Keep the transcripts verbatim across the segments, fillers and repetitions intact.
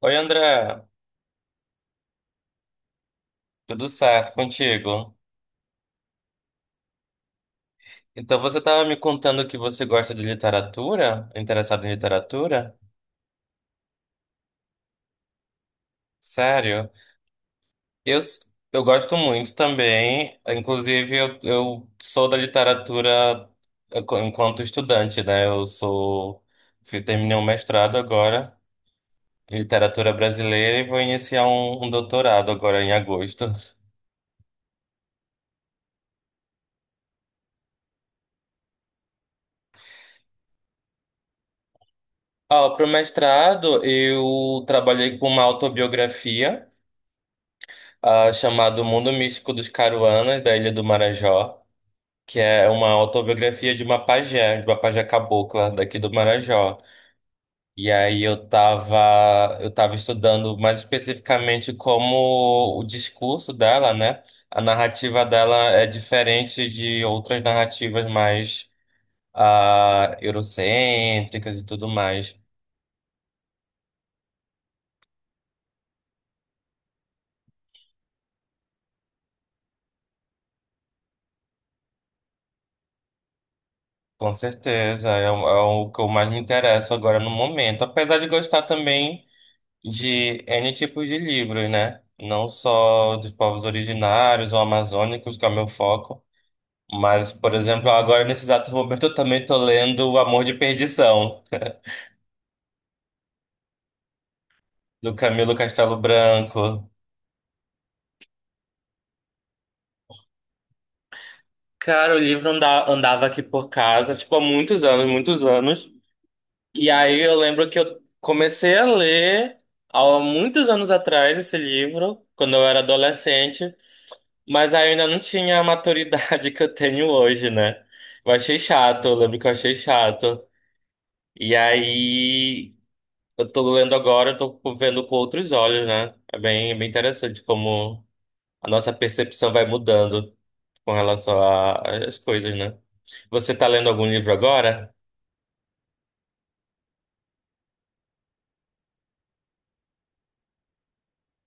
Oi, André, tudo certo contigo? Então você estava me contando que você gosta de literatura, interessado em literatura? Sério? Eu, s- eu gosto muito também, inclusive eu, eu sou da literatura enqu- enquanto estudante, né? Eu sou, fui- terminei um mestrado agora em literatura brasileira e vou iniciar um, um doutorado agora em agosto. Ó, pro mestrado eu trabalhei com uma autobiografia, ah, chamado O Mundo Místico dos Caruanas, da Ilha do Marajó, que é uma autobiografia de uma pajé, de uma pajé cabocla daqui do Marajó. E aí eu tava, eu tava estudando mais especificamente como o discurso dela, né? A narrativa dela é diferente de outras narrativas mais ah, eurocêntricas e tudo mais. Com certeza, é, o- é o que eu mais me interesso agora no momento. Apesar de gostar também de N tipos de livros, né? Não só dos povos originários ou amazônicos, que é o meu foco, mas, por exemplo, agora nesse exato momento eu também tô lendo O Amor de Perdição, do Camilo Castelo Branco. Cara, o livro anda- andava aqui por casa, tipo, há muitos anos, muitos anos. E aí eu lembro que eu comecei a ler há muitos anos atrás esse livro, quando eu era adolescente. Mas aí eu ainda não tinha a maturidade que eu tenho hoje, né? Eu achei chato, eu lembro que eu achei chato. E aí eu tô lendo agora, eu tô vendo com outros olhos, né? É bem, bem interessante como a nossa percepção vai mudando com relação a- às coisas, né? Você tá lendo algum livro agora?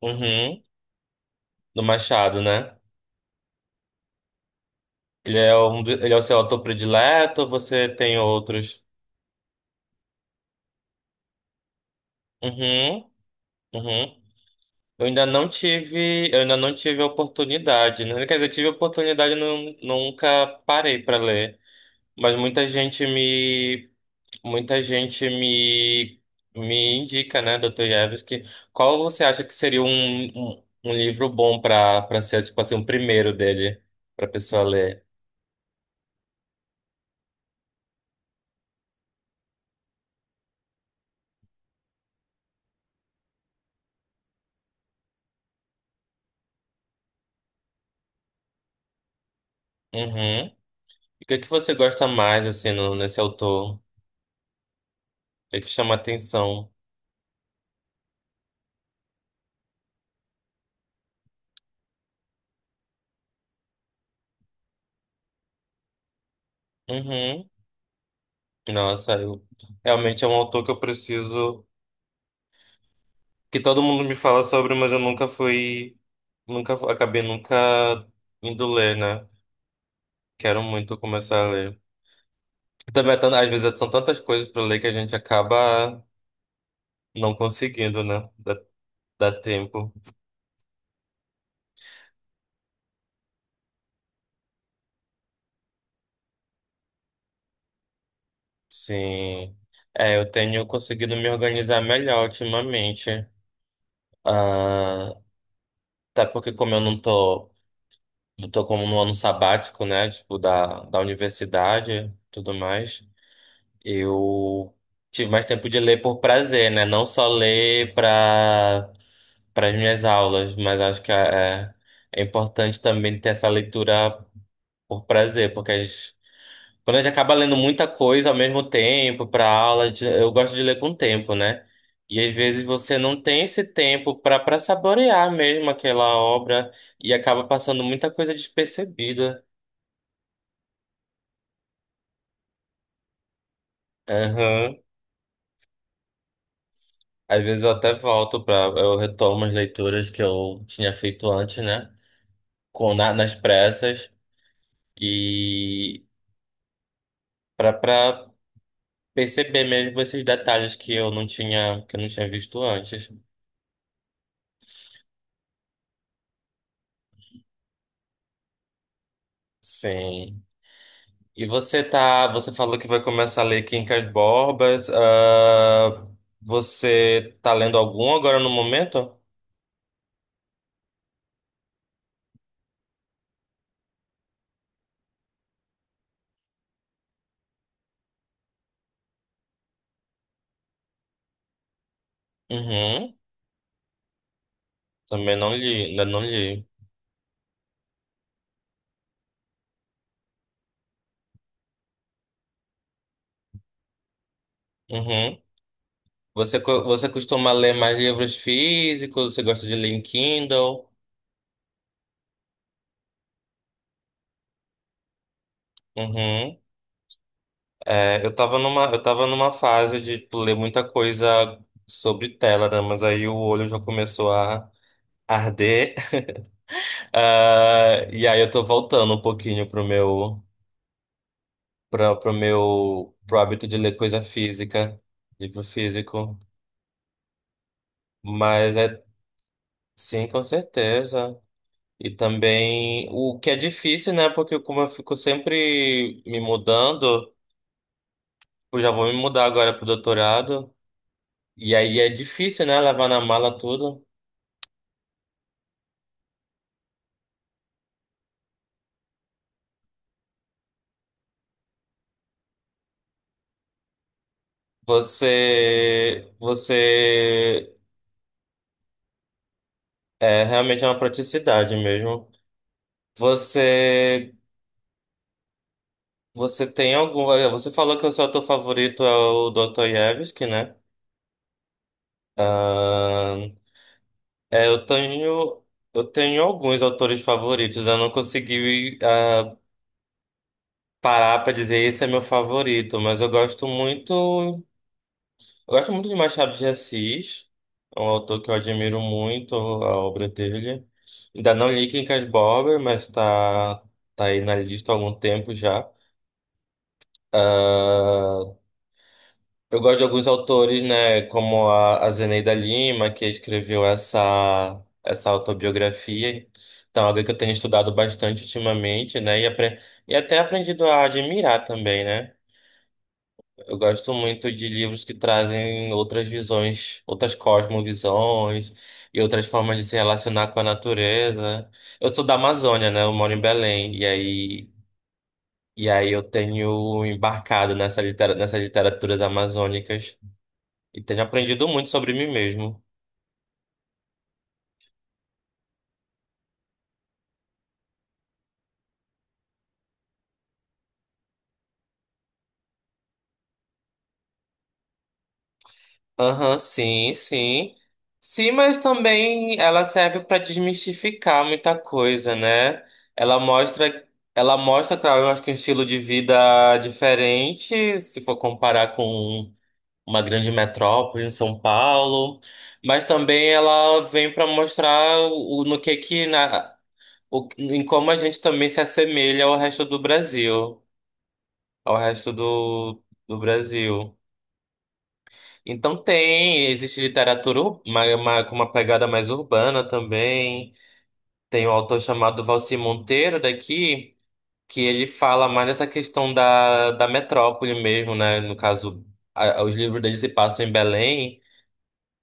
Uhum, do Machado, né? Ele é um, do- ele é o seu autor predileto, ou você tem outros? Uhum, uhum. Eu ainda não tive, eu ainda não tive a oportunidade, né? Quer dizer, eu tive a oportunidade, e não, nunca parei para ler, mas muita gente me, muita gente me, me indica, né, dostoi Ievski, qual você acha que seria um, um, um livro bom para para ser tipo assim, o primeiro dele para pessoa ler? Uhum. E o que é que você gosta mais assim no, nesse autor? O que é que chama atenção? Uhum. Nossa, eu, realmente é um autor que eu preciso que todo mundo me fala sobre, mas eu nunca fui, nunca fu- acabei nunca indo ler, né? Quero muito começar a ler. Também é tan- às vezes são tantas coisas para ler que a gente acaba não conseguindo, né? Dá, dá tempo. Sim. É, eu tenho conseguido me organizar melhor ultimamente. Ah, até porque como eu não tô, não tô como no ano sabático, né? Tipo, da, da universidade, e tudo mais. Eu tive mais tempo de ler por prazer, né? Não só ler para para as minhas aulas, mas acho que é, é importante também ter essa leitura por prazer, porque as- quando a gente acaba lendo muita coisa ao mesmo tempo para aula, a gente- eu gosto de ler com tempo, né? E às vezes você não tem esse tempo para para saborear mesmo aquela obra e acaba passando muita coisa despercebida. Aham. Às vezes eu até volto para eu retomo as leituras que eu tinha feito antes, né? Com na- nas pressas e para para perceber mesmo esses detalhes que eu não tinha que eu não tinha visto antes. Sim. E você tá, você falou que vai começar a ler Quincas Borbas. Ah, você tá lendo algum agora no momento? Uhum. Também não li, ainda não li. Uhum. Você, co- você costuma ler mais livros físicos? Você gosta de ler em Kindle? Uhum. É, eu tava numa, eu tava numa fase de tipo, ler muita coisa sobre tela, né? Mas aí o olho já começou a arder. Ah, e aí eu tô voltando um pouquinho pro meu, pra, pro meu, pro hábito de ler coisa física, livro físico. Mas é, sim, com certeza. E também o que é difícil, né? Porque como eu fico sempre me mudando. Eu já vou me mudar agora pro doutorado. E aí é difícil, né? Levar na mala tudo. Você, você é realmente é uma praticidade mesmo. Você, você tem algum? Você falou que o seu autor favorito é o dostoi Yevsky, né? Ahn, é, eu tenho, eu tenho alguns autores favoritos. Eu não consegui ah, parar para dizer esse é meu favorito, mas eu gosto muito. Eu gosto muito de Machado de Assis, é um autor que eu admiro muito a obra dele. Ainda não li Quincas Borba, mas tá, tá aí na lista há algum tempo já. Ah, eu gosto de alguns autores, né, como a, a Zeneida Lima, que escreveu essa, essa autobiografia. Então, alguém que eu tenho estudado bastante ultimamente, né, e, apre- e até aprendido a admirar também, né? Eu gosto muito de livros que trazem outras visões, outras cosmovisões e outras formas de se relacionar com a natureza. Eu sou da Amazônia, né? Eu moro em Belém e aí e aí eu tenho embarcado nessa litera- nessas literaturas amazônicas e tenho aprendido muito sobre mim mesmo. Aham, sim, sim. Sim, mas também ela serve para desmistificar muita coisa, né? Ela mostra, ela mostra, claro, eu acho que um estilo de vida diferente, se for comparar com uma grande metrópole em São Paulo, mas também ela vem para mostrar o, no que que na, o, em como a gente também se assemelha ao resto do Brasil, ao resto do, do Brasil. Então tem, existe literatura ur- uma, uma, com uma pegada mais urbana também. Tem um autor chamado Valci Monteiro daqui, que ele fala mais dessa questão da, da metrópole mesmo, né? No caso, a- os livros dele se passam em Belém,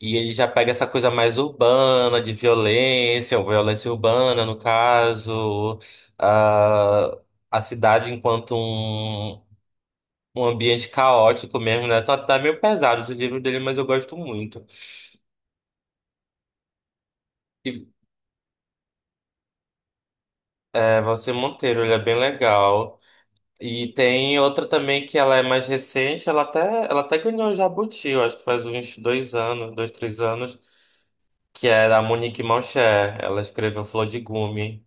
e ele já pega essa coisa mais urbana, de violência, ou violência urbana, no caso, ah, a cidade enquanto um, um ambiente caótico mesmo, né? Tá, tá meio pesado os livros dele, mas eu gosto muito. É Valsir Monteiro, ele é bem legal. E tem outra também que ela é mais recente, ela até, ela até ganhou o Jabuti, eu acho que faz uns dois anos, dois, três anos, que é da Monique Malcher. Ela escreveu Flor de Gume,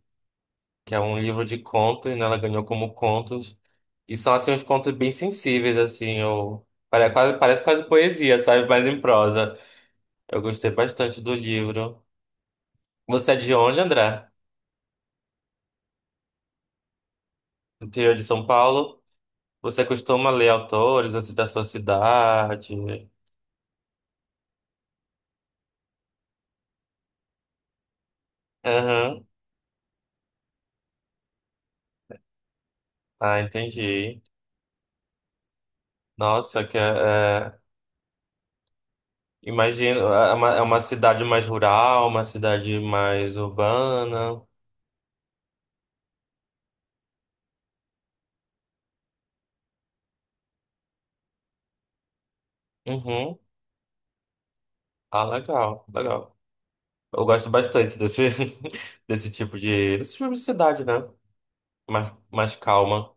que é um livro de contos, né? Ela ganhou como contos. E são, assim, uns contos bem sensíveis, assim, ou... Parece quase, parece quase poesia, sabe? Mas em prosa. Eu gostei bastante do livro. Você é de onde, André? Interior de São Paulo? Você costuma ler autores assim da sua cidade? Aham. Ah, entendi. Nossa, que é, é, imagino, é é uma, é uma cidade mais rural, uma cidade mais urbana. Uhum. Ah, legal, legal. Eu gosto bastante desse, desse tipo de, desse tipo de cidade, né? Mais, mais calma.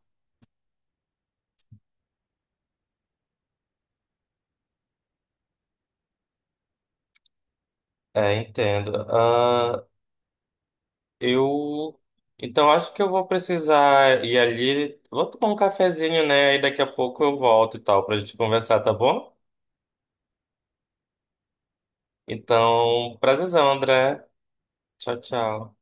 É, entendo. Ah, eu. Então, acho que eu vou precisar ir ali. Vou tomar um cafezinho, né? E daqui a pouco eu volto e tal, pra gente conversar, tá bom? Então, prazerzão, André. Tchau, tchau.